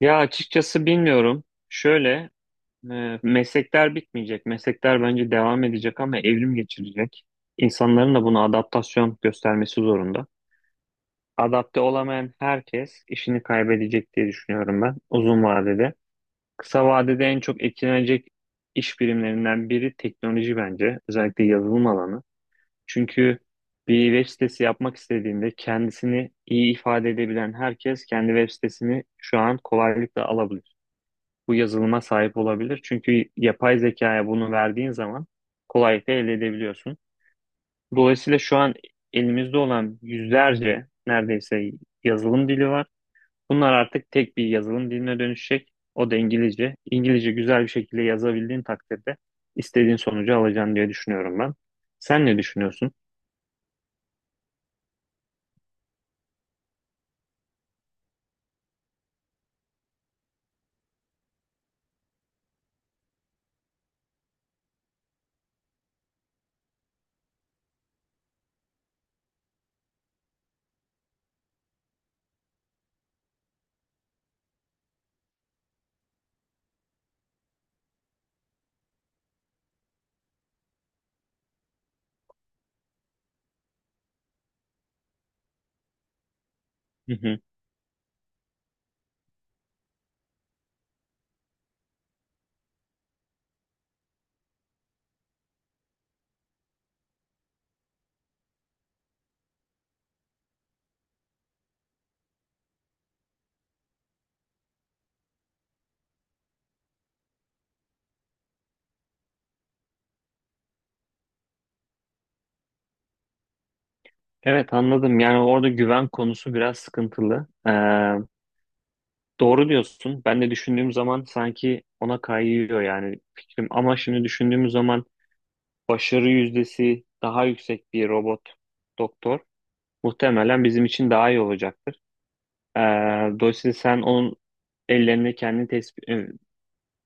Ya açıkçası bilmiyorum. Şöyle, meslekler bitmeyecek. Meslekler bence devam edecek ama evrim geçirecek. İnsanların da buna adaptasyon göstermesi zorunda. Adapte olamayan herkes işini kaybedecek diye düşünüyorum ben uzun vadede. Kısa vadede en çok etkilenecek iş birimlerinden biri teknoloji bence. Özellikle yazılım alanı. Çünkü bir web sitesi yapmak istediğinde kendisini iyi ifade edebilen herkes kendi web sitesini şu an kolaylıkla alabilir, bu yazılıma sahip olabilir. Çünkü yapay zekaya bunu verdiğin zaman kolaylıkla elde edebiliyorsun. Dolayısıyla şu an elimizde olan yüzlerce neredeyse yazılım dili var. Bunlar artık tek bir yazılım diline dönüşecek. O da İngilizce. İngilizce güzel bir şekilde yazabildiğin takdirde istediğin sonucu alacaksın diye düşünüyorum ben. Sen ne düşünüyorsun? Hı hı. Evet, anladım. Yani orada güven konusu biraz sıkıntılı. Doğru diyorsun. Ben de düşündüğüm zaman sanki ona kayıyor yani fikrim. Ama şimdi düşündüğüm zaman başarı yüzdesi daha yüksek bir robot doktor muhtemelen bizim için daha iyi olacaktır. Ee, Dolayısıyla sen onun ellerini kendin teslim,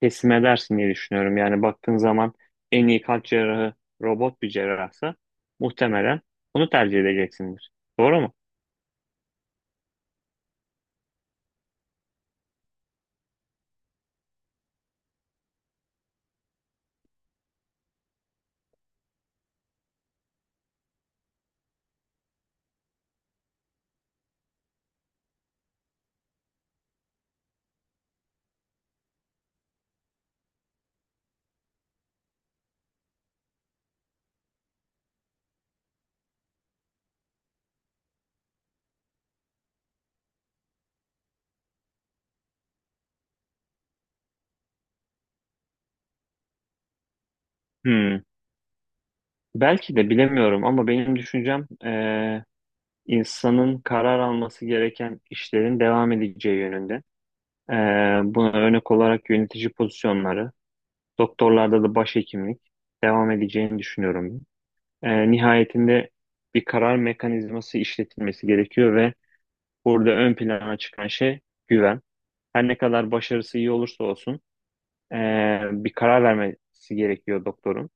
teslim edersin diye düşünüyorum. Yani baktığın zaman en iyi kalp cerrahı robot bir cerrahsa muhtemelen onu tercih edeceksindir. Doğru mu? Hmm. Belki de bilemiyorum, ama benim düşüncem insanın karar alması gereken işlerin devam edeceği yönünde. Ee, Buna örnek olarak yönetici pozisyonları, doktorlarda da başhekimlik devam edeceğini düşünüyorum. Nihayetinde bir karar mekanizması işletilmesi gerekiyor ve burada ön plana çıkan şey güven. Her ne kadar başarısı iyi olursa olsun bir karar vermesi gerekiyor doktorun.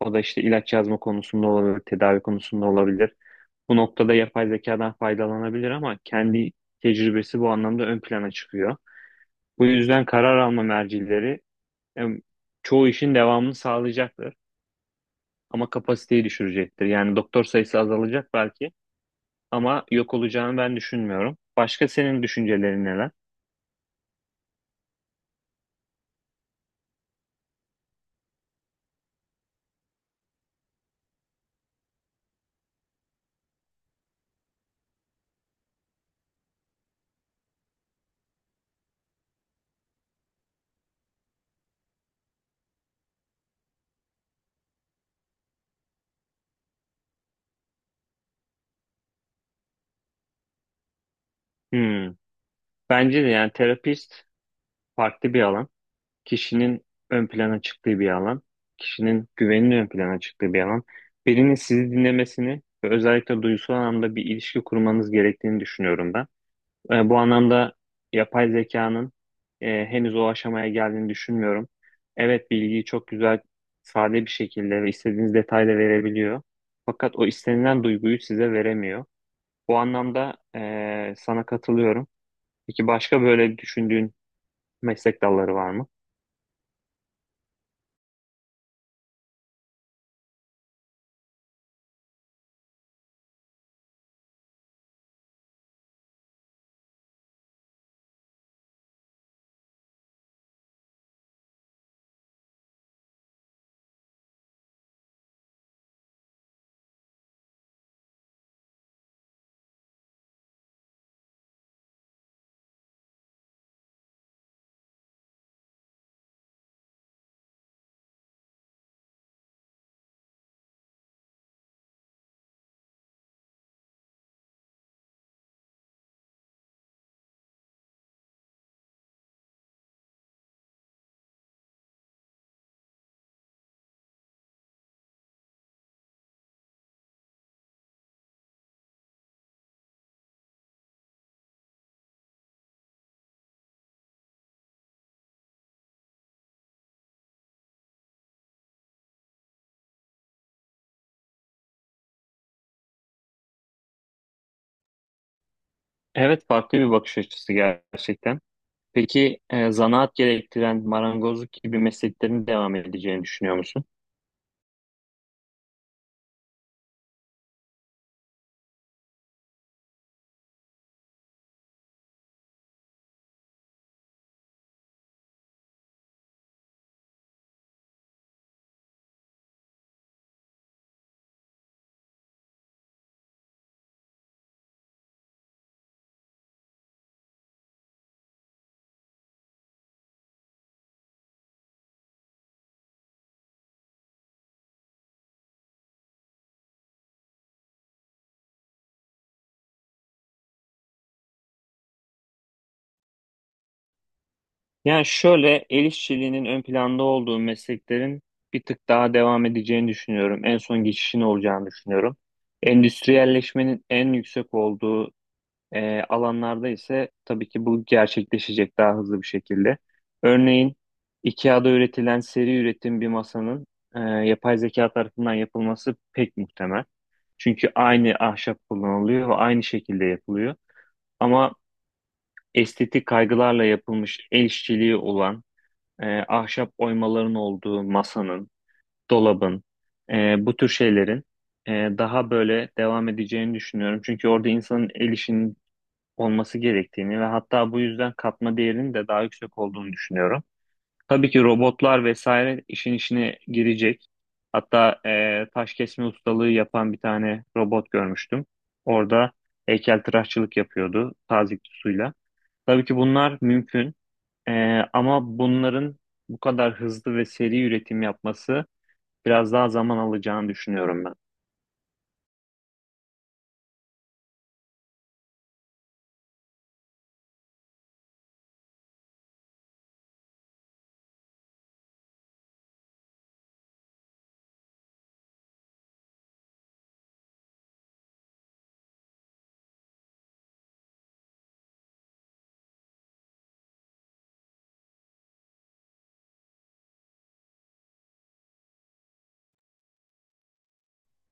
O da işte ilaç yazma konusunda olabilir, tedavi konusunda olabilir. Bu noktada yapay zekadan faydalanabilir ama kendi tecrübesi bu anlamda ön plana çıkıyor. Bu yüzden karar alma mercileri em, çoğu işin devamını sağlayacaktır ama kapasiteyi düşürecektir. Yani doktor sayısı azalacak belki ama yok olacağını ben düşünmüyorum. Başka senin düşüncelerin neler? Hmm. Bence de yani terapist farklı bir alan, kişinin ön plana çıktığı bir alan, kişinin güveninin ön plana çıktığı bir alan. Birinin sizi dinlemesini ve özellikle duygusal anlamda bir ilişki kurmanız gerektiğini düşünüyorum ben. Bu anlamda yapay zekanın henüz o aşamaya geldiğini düşünmüyorum. Evet, bilgiyi çok güzel, sade bir şekilde ve istediğiniz detayla verebiliyor. Fakat o istenilen duyguyu size veremiyor. Bu anlamda sana katılıyorum. Peki başka böyle düşündüğün meslek dalları var mı? Evet, farklı bir bakış açısı gerçekten. Peki zanaat gerektiren marangozluk gibi mesleklerin devam edeceğini düşünüyor musun? Yani şöyle, el işçiliğinin ön planda olduğu mesleklerin bir tık daha devam edeceğini düşünüyorum. En son geçişin olacağını düşünüyorum. Endüstriyelleşmenin en yüksek olduğu alanlarda ise tabii ki bu gerçekleşecek daha hızlı bir şekilde. Örneğin IKEA'da üretilen seri üretim bir masanın yapay zeka tarafından yapılması pek muhtemel. Çünkü aynı ahşap kullanılıyor ve aynı şekilde yapılıyor. Ama estetik kaygılarla yapılmış el işçiliği olan ahşap oymaların olduğu masanın, dolabın, bu tür şeylerin e, daha böyle devam edeceğini düşünüyorum. Çünkü orada insanın el işinin olması gerektiğini ve hatta bu yüzden katma değerinin de daha yüksek olduğunu düşünüyorum. Tabii ki robotlar vesaire işin içine girecek. Hatta taş kesme ustalığı yapan bir tane robot görmüştüm. Orada heykeltıraşçılık yapıyordu tazyikli suyla. Tabii ki bunlar mümkün. E, Ama bunların bu kadar hızlı ve seri üretim yapması biraz daha zaman alacağını düşünüyorum ben.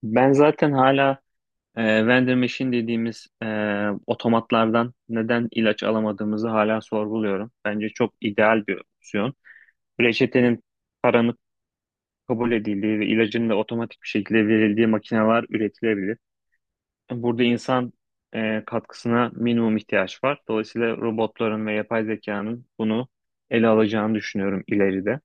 Ben zaten hala vending machine dediğimiz otomatlardan neden ilaç alamadığımızı hala sorguluyorum. Bence çok ideal bir opsiyon. Reçetenin, paranın kabul edildiği ve ilacın da otomatik bir şekilde verildiği makineler üretilebilir. Burada insan katkısına minimum ihtiyaç var. Dolayısıyla robotların ve yapay zekanın bunu ele alacağını düşünüyorum ileride.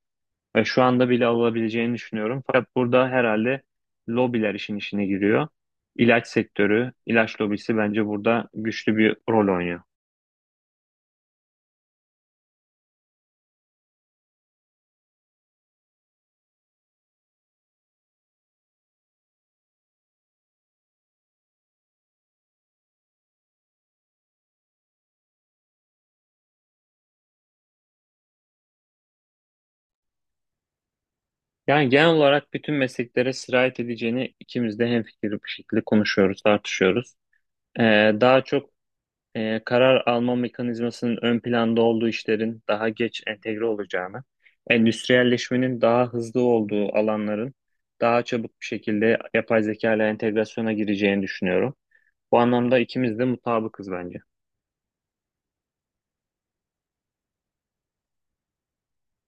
Ve şu anda bile alabileceğini düşünüyorum. Fakat burada herhalde lobiler işin işine giriyor. İlaç sektörü, ilaç lobisi bence burada güçlü bir rol oynuyor. Yani genel olarak bütün mesleklere sirayet edeceğini ikimiz de hemfikir bir şekilde konuşuyoruz, tartışıyoruz. Daha çok karar alma mekanizmasının ön planda olduğu işlerin daha geç entegre olacağını, endüstriyelleşmenin daha hızlı olduğu alanların daha çabuk bir şekilde yapay zeka ile entegrasyona gireceğini düşünüyorum. Bu anlamda ikimiz de mutabıkız bence.